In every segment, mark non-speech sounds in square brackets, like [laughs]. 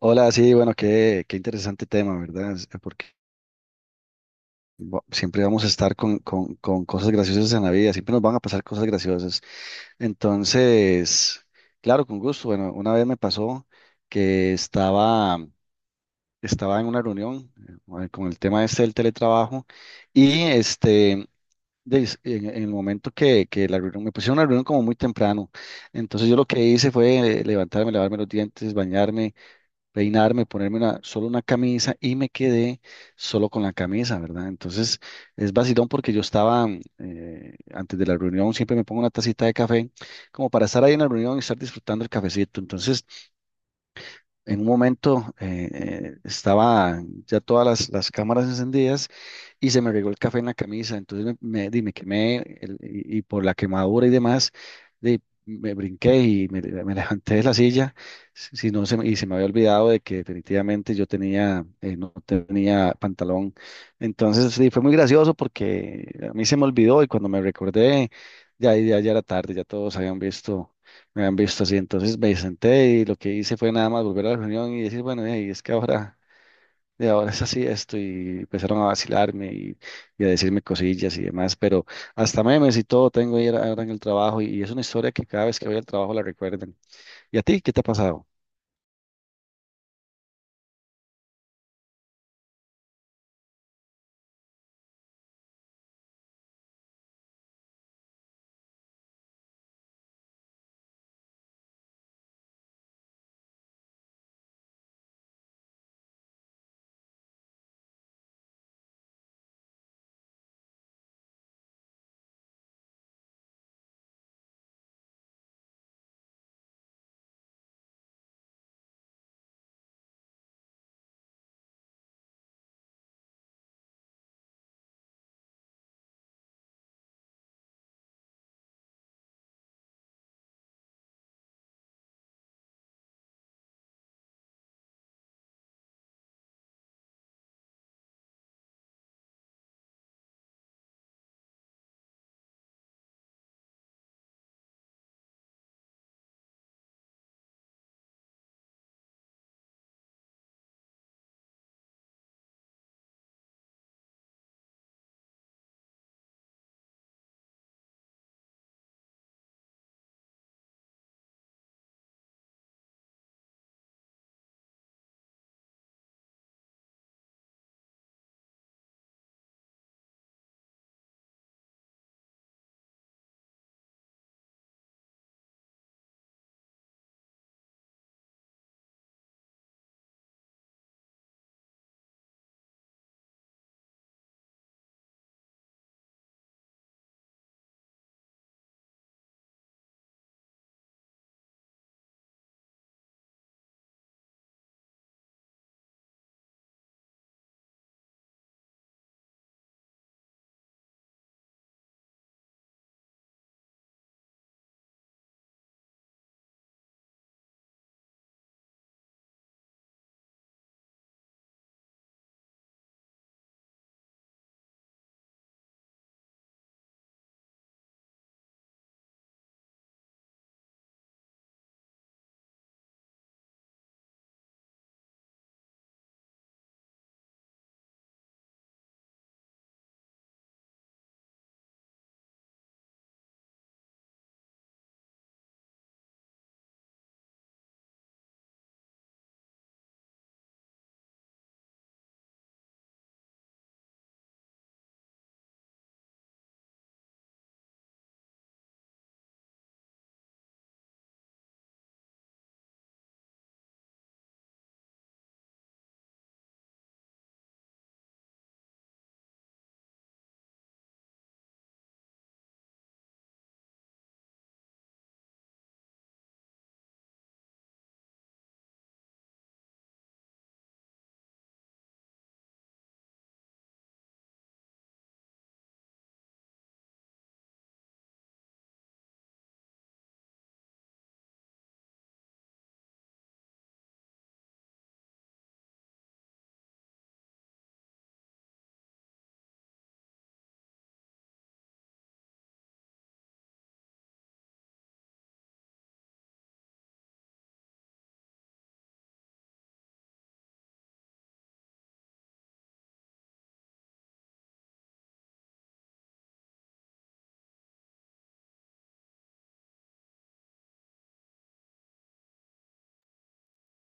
Hola, sí, bueno, qué interesante tema, ¿verdad? Porque siempre vamos a estar con cosas graciosas en la vida, siempre nos van a pasar cosas graciosas. Entonces, claro, con gusto. Bueno, una vez me pasó que estaba en una reunión con el tema este del teletrabajo y este, en el momento que la reunión, me pusieron una reunión como muy temprano. Entonces yo lo que hice fue levantarme, lavarme los dientes, bañarme, peinarme, ponerme solo una camisa y me quedé solo con la camisa, ¿verdad? Entonces es vacilón porque yo estaba antes de la reunión, siempre me pongo una tacita de café como para estar ahí en la reunión y estar disfrutando el cafecito. Entonces en un momento estaba ya todas las cámaras encendidas y se me regó el café en la camisa, entonces me quemé y por la quemadura y demás, di, me brinqué y me levanté de la silla, si no se, y se me había olvidado de que definitivamente yo tenía, no tenía pantalón. Entonces sí, fue muy gracioso porque a mí se me olvidó y cuando me recordé, ya, ya, ya era tarde, ya todos habían visto, me han visto así, entonces me senté y lo que hice fue nada más volver a la reunión y decir, bueno, y es que ahora, de ahora es así esto, y empezaron a vacilarme y, a decirme cosillas y demás, pero hasta memes y todo tengo ahí ahora en el trabajo y, es una historia que cada vez que voy al trabajo la recuerden. ¿Y a ti qué te ha pasado?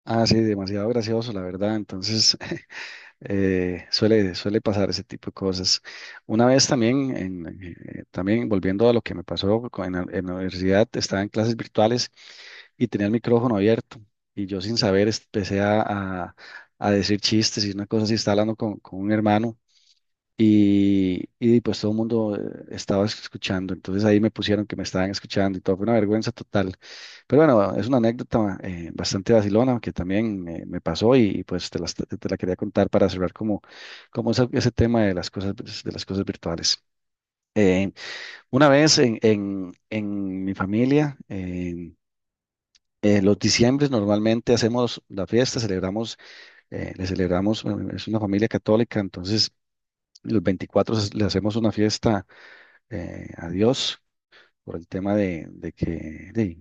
Ah, sí, demasiado gracioso, la verdad, entonces [laughs] Suele pasar ese tipo de cosas. Una vez también, también volviendo a lo que me pasó en la universidad, estaba en clases virtuales y tenía el micrófono abierto y yo sin saber empecé a decir chistes y una cosa así, estaba hablando con un hermano y, pues todo el mundo estaba escuchando, entonces ahí me pusieron que me estaban escuchando y todo, fue una vergüenza total. Pero bueno, es una anécdota bastante vacilona que también me pasó y, pues te la quería contar para cerrar como, como ese tema de las cosas, pues, de las cosas virtuales. Eh, una vez en mi familia, los diciembres normalmente hacemos la fiesta, celebramos, le celebramos, bueno, es una familia católica, entonces los 24 le hacemos una fiesta a Dios por el tema de que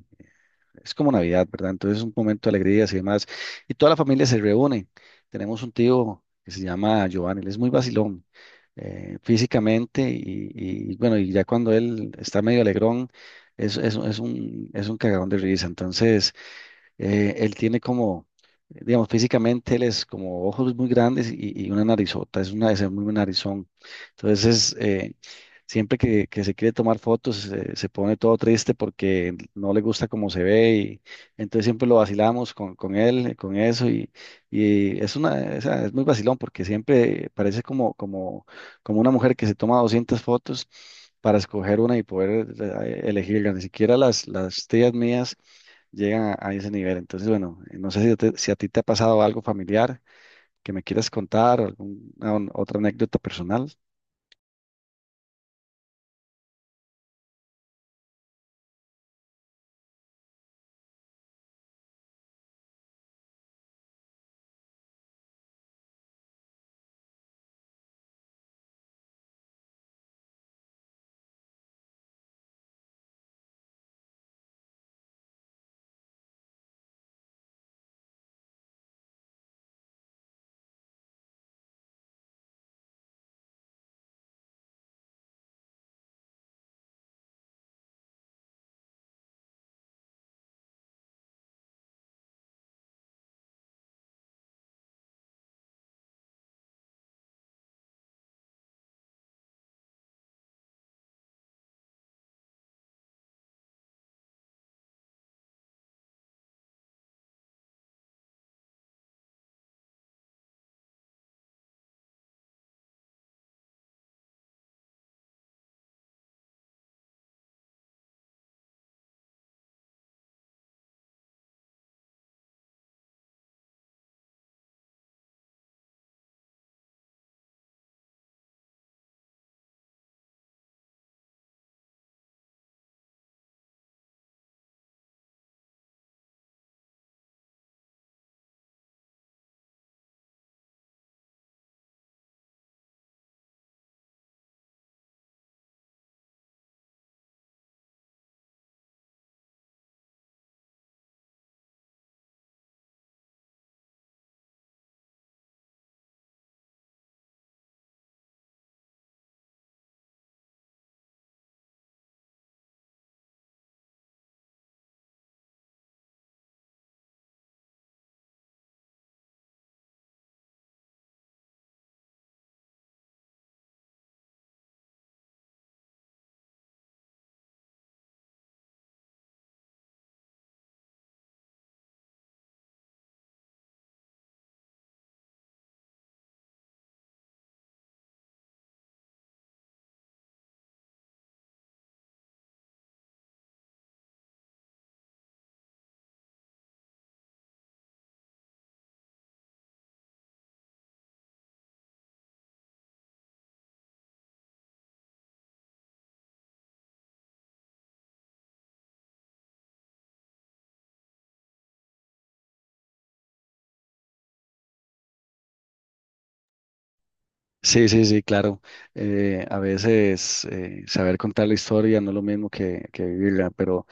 es como Navidad, ¿verdad? Entonces es un momento de alegrías y demás. Y toda la familia se reúne. Tenemos un tío que se llama Giovanni, él es muy vacilón físicamente y, bueno, y ya cuando él está medio alegrón, es un cagadón de risa. Entonces. Él tiene como, digamos, físicamente él es como ojos muy grandes y, una narizota, es muy buen narizón. Entonces, siempre que se quiere tomar fotos, se pone todo triste porque no le gusta cómo se ve y entonces siempre lo vacilamos con, él, con eso y, y es una, o sea, es muy vacilón porque siempre parece como, como una mujer que se toma 200 fotos para escoger una y poder elegirla. Ni siquiera las tías mías llegan a ese nivel. Entonces, bueno, no sé si a ti te ha pasado algo familiar que me quieras contar o alguna otra anécdota personal. Sí, sí, sí, claro. A veces saber contar la historia no es lo mismo que vivirla, pero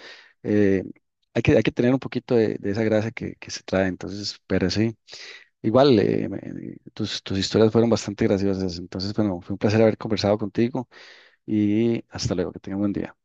eh, hay que tener un poquito de esa gracia que se trae. Entonces, pero sí, igual tus historias fueron bastante graciosas. Entonces, bueno, fue un placer haber conversado contigo y hasta luego, que tengan buen día.